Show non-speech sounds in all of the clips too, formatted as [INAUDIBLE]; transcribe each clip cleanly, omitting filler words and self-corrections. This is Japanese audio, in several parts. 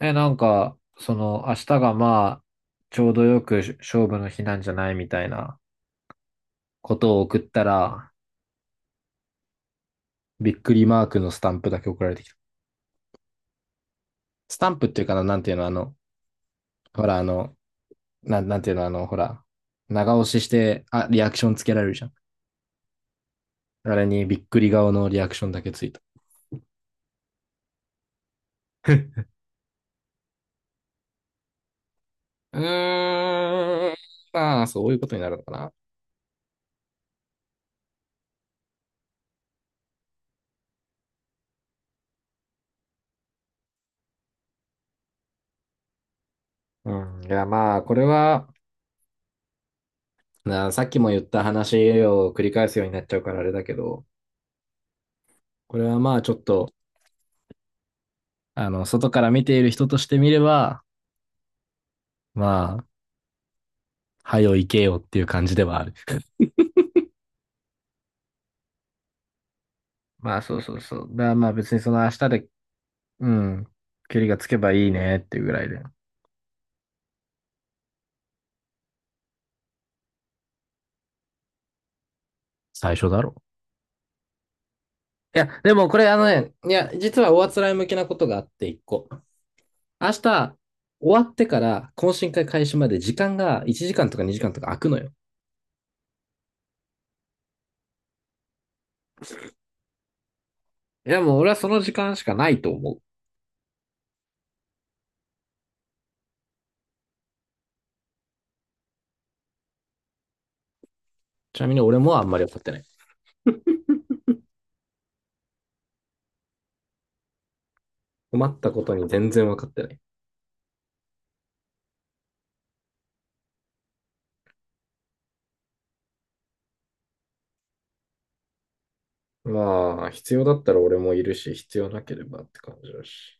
え、なんか、その、明日がまあ、ちょうどよく勝負の日なんじゃないみたいなことを送ったら、びっくりマークのスタンプだけ送られてきた。スタンプっていうかな、なんていうの、あの、ほら、あの、なん、なんていうの、あの、ほら、長押しして、あ、リアクションつけられるじゃん。あれにびっくり顔のリアクションだけついた。うーん、まあ、そういうことになるのかな。うん、いや、まあ、これは、なさっきも言った話を繰り返すようになっちゃうからあれだけど、これはまあ、ちょっと、あの、外から見ている人として見れば、まあ、はよ行けよっていう感じではある。まあ、そうそうそう。だからまあ別にその明日で、うん、距離がつけばいいねっていうぐらいで。最初だろ。でもこれ、いや、実はおあつらい向きなことがあって一個。明日、終わってから懇親会開始まで時間が1時間とか2時間とか空くのよ。いや、もう俺はその時間しかないと思う。ちなみに俺もあんまり分かってない。困ったことに全然分かってない。まあ、必要だったら俺もいるし、必要なければって感じだし。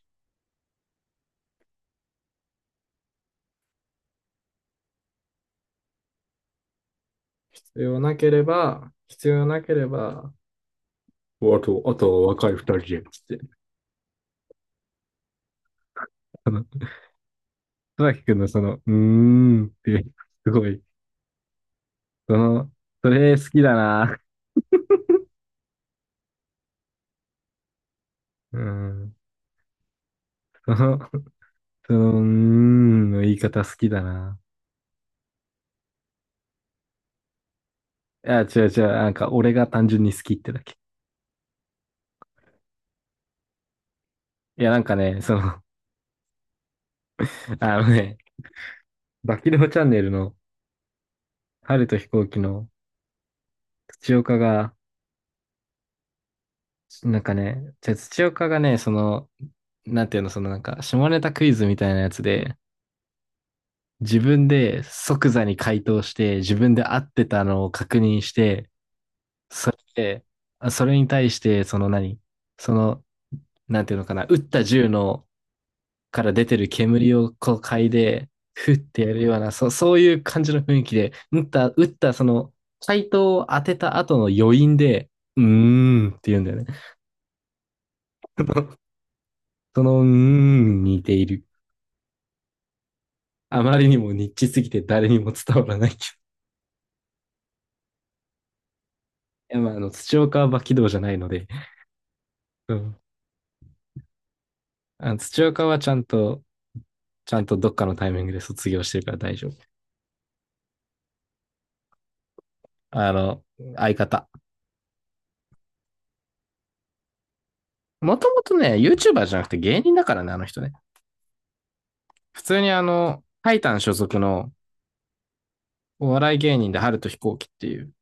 必要なければ、おあと、あとは若い二人で、つって。あの、戸崎くんのその、うーんっていう、すごい、その、それ好きだな。うん、その、うーんの言い方好きだな。いや、違う違う。なんか、俺が単純に好きってだけ。いや、なんかね、その、あのね、バキローチャンネルの、春と飛行機の、土岡が、なんかね、じゃあ土岡がね、その、なんていうの、そのなんか、下ネタクイズみたいなやつで、自分で即座に回答して、自分で合ってたのを確認して、それで、あそれに対して、その何その、なんていうのかな、撃った銃のから出てる煙をこう嗅いで、ふってやるような、そういう感じの雰囲気で、撃った、撃った、その、回答を当てた後の余韻で、うーんって言うんだよね。その「うーん」に似ている。あまりにもニッチすぎて誰にも伝わらないけど。いや、まあ、あの、土岡は馬起動じゃないので。うん。あの土岡はちゃんとどっかのタイミングで卒業してるから大丈夫。あの、相方。もともとね、YouTuber じゃなくて芸人だからね、あの人ね。普通にあの、タイタン所属のお笑い芸人で春と飛行機っていう。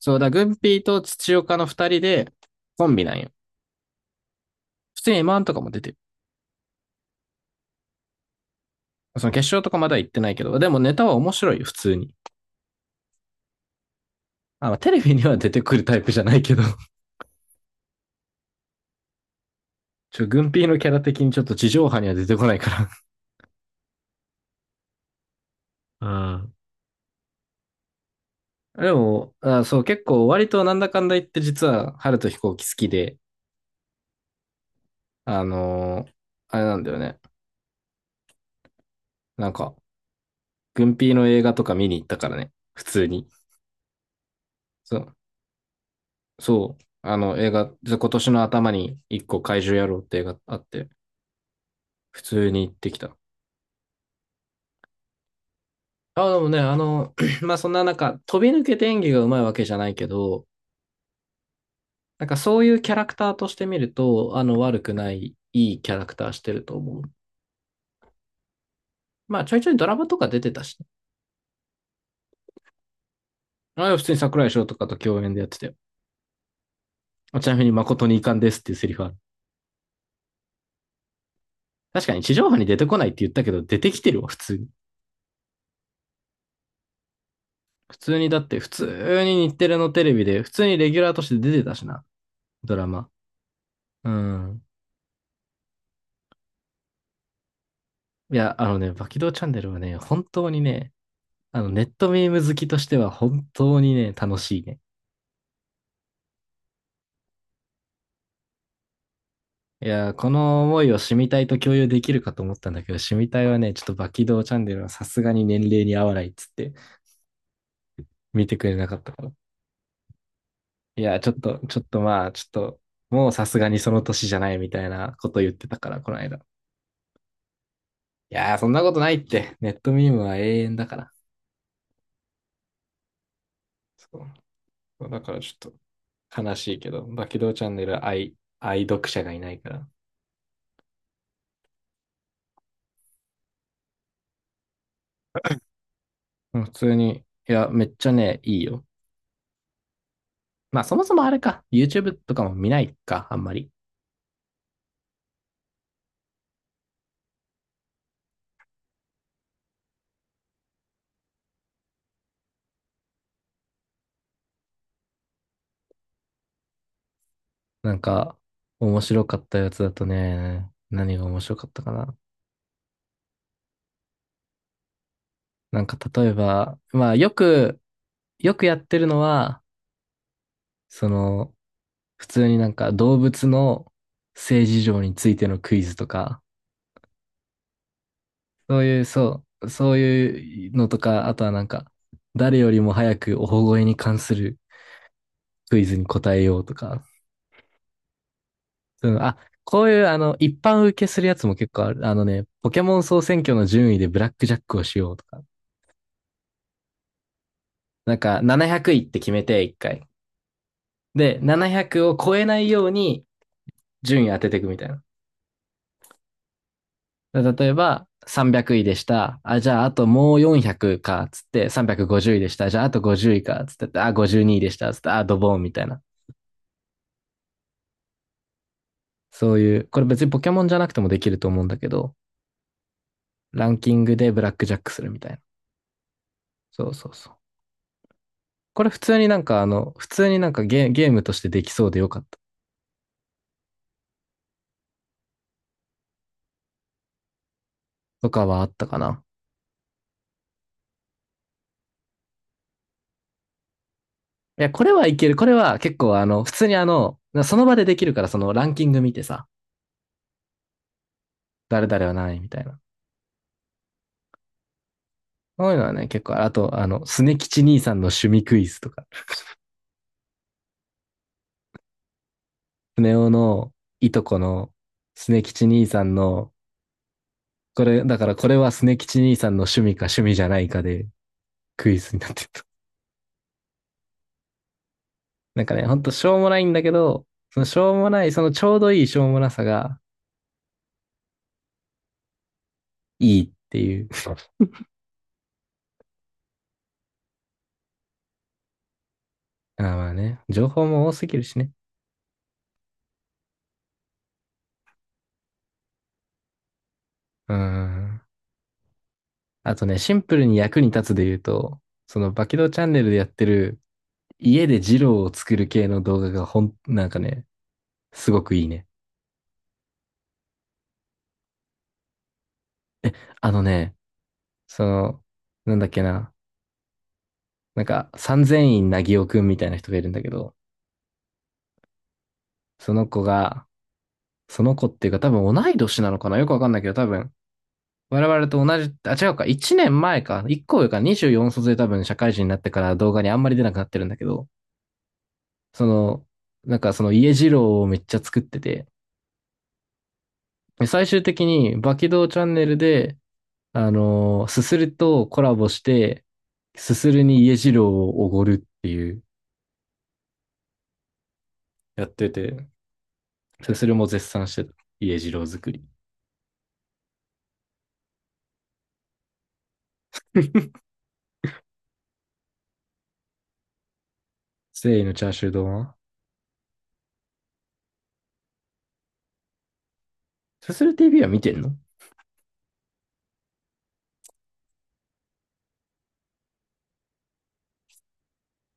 そうだ、グンピーと土岡の二人でコンビなんよ。普通に m ンとかも出てる。その決勝とかまだ行ってないけど、でもネタは面白いよ、普通に。あの、テレビには出てくるタイプじゃないけど。ちょ、軍艇のキャラ的にちょっと地上波には出てこないから [LAUGHS] うん。ら。でも、あそう、結構割となんだかんだ言って実は、春と飛行機好きで、あのーあれなんだよね。なんか、軍艇の映画とか見に行ったからね。普通に。そう、そう。あの映画、今年の頭に一個怪獣野郎って映画あって、普通に行ってきた。あ、でもね、あの、[CLEARS THROAT] [LAUGHS] まあそんな中、飛び抜けて演技がうまいわけじゃないけど、なんかそういうキャラクターとして見ると、あの悪くない、いいキャラクターしてると思う。まあちょいちょいドラマとか出てたし、ね、ああ普通に桜井翔とかと共演でやってたよ。ちなみに誠に遺憾ですっていうセリフある。確かに地上波に出てこないって言ったけど、出てきてるわ、普通に。普通にだって、普通に日テレのテレビで、普通にレギュラーとして出てたしな、ドラマ。うん。いや、あのね、バキドーチャンネルはね、本当にね、あの、ネットミーム好きとしては本当にね、楽しいね。いやー、この思いをシミたいと共有できるかと思ったんだけど、シミたいはね、ちょっとバキドーチャンネルはさすがに年齢に合わないっつって見てくれなかったから。いやー、ちょっと、ちょっとまあ、ちょっと、もうさすがにその年じゃないみたいなこと言ってたから、この間。いやー、そんなことないって。ネットミームは永遠だから。そう。だからちょっと悲しいけど、バキドーチャンネル愛、愛読者がいないから。うん。普通に、いや、めっちゃね、いいよ。まあ、そもそもあれか。YouTube とかも見ないか、あんまり。なんか、面白かったやつだとね、何が面白かったかな。なんか、例えば、よくやってるのは、その、普通になんか動物の性事情についてのクイズとか、そういう、そう、そういうのとか、あとはなんか、誰よりも早くお保護に関するクイズに答えようとか、そういうのあ、こういうあの、一般受けするやつも結構ある。あのね、ポケモン総選挙の順位でブラックジャックをしようとか。なんか700位って決めて1回。で、700を超えないように順位当てていくみたいな。例えば、300位でした。あ、じゃあ、あともう400か、つって、350位でした。じゃあ、あと50位か、つって、あ、52位でした。つって、あ、ドボンみたいな。そういう、これ別にポケモンじゃなくてもできると思うんだけど、ランキングでブラックジャックするみたいな。そうそうそう。これ普通になんかあの、普通にゲームとしてできそうでよかったとかはあったかな。いや、これはいける。これは結構あの、普通にあの、その場でできるからそのランキング見てさ、誰々は何位みたいな。そういうのはね、結構、あと、あの、スネ吉兄さんの趣味クイズとか、スネ夫のいとこのスネ吉兄さんの、これ、だからこれはスネ吉兄さんの趣味か趣味じゃないかでクイズになってると。[LAUGHS] なんかね、ほんとしょうもないんだけど、そのしょうもない、そのちょうどいいしょうもなさがいいっていう。[LAUGHS] あーまあね、情報も多すぎるしね。うーん。あとね、シンプルに役に立つで言うと、そのバキドーチャンネルでやってる家でジローを作る系の動画がほん、なんかね、すごくいいね。あのね、その、なんだっけな、なんか三千院なぎおくんみたいな人がいるんだけど、その子が、その子っていうか多分同い年なのかなよくわかんないけど多分、我々と同じ、あ、違うか、1年前か、1個上か、24卒で多分社会人になってから動画にあんまり出なくなってるんだけど、その、その家二郎をめっちゃ作ってて、で最終的に、バキドーチャンネルで、すするとコラボして、すするに家次郎をおごるっていうやってて、すするも絶賛してた。家次郎作り。誠意のチャーシュー丼はすする TV は見てんの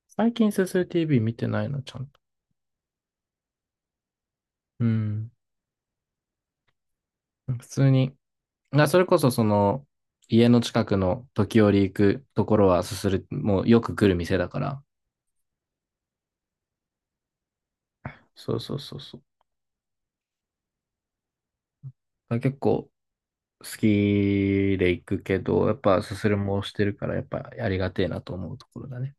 最近すする TV 見てないの、ちゃんと。うん。普通に。あ、それこそその、家の近くの時折行くところはすする、もうよく来る店だから。そうそうそうそう。あ結構、好きで行くけど、やっぱすするもしてるから、やっぱありがてえなと思うところだね。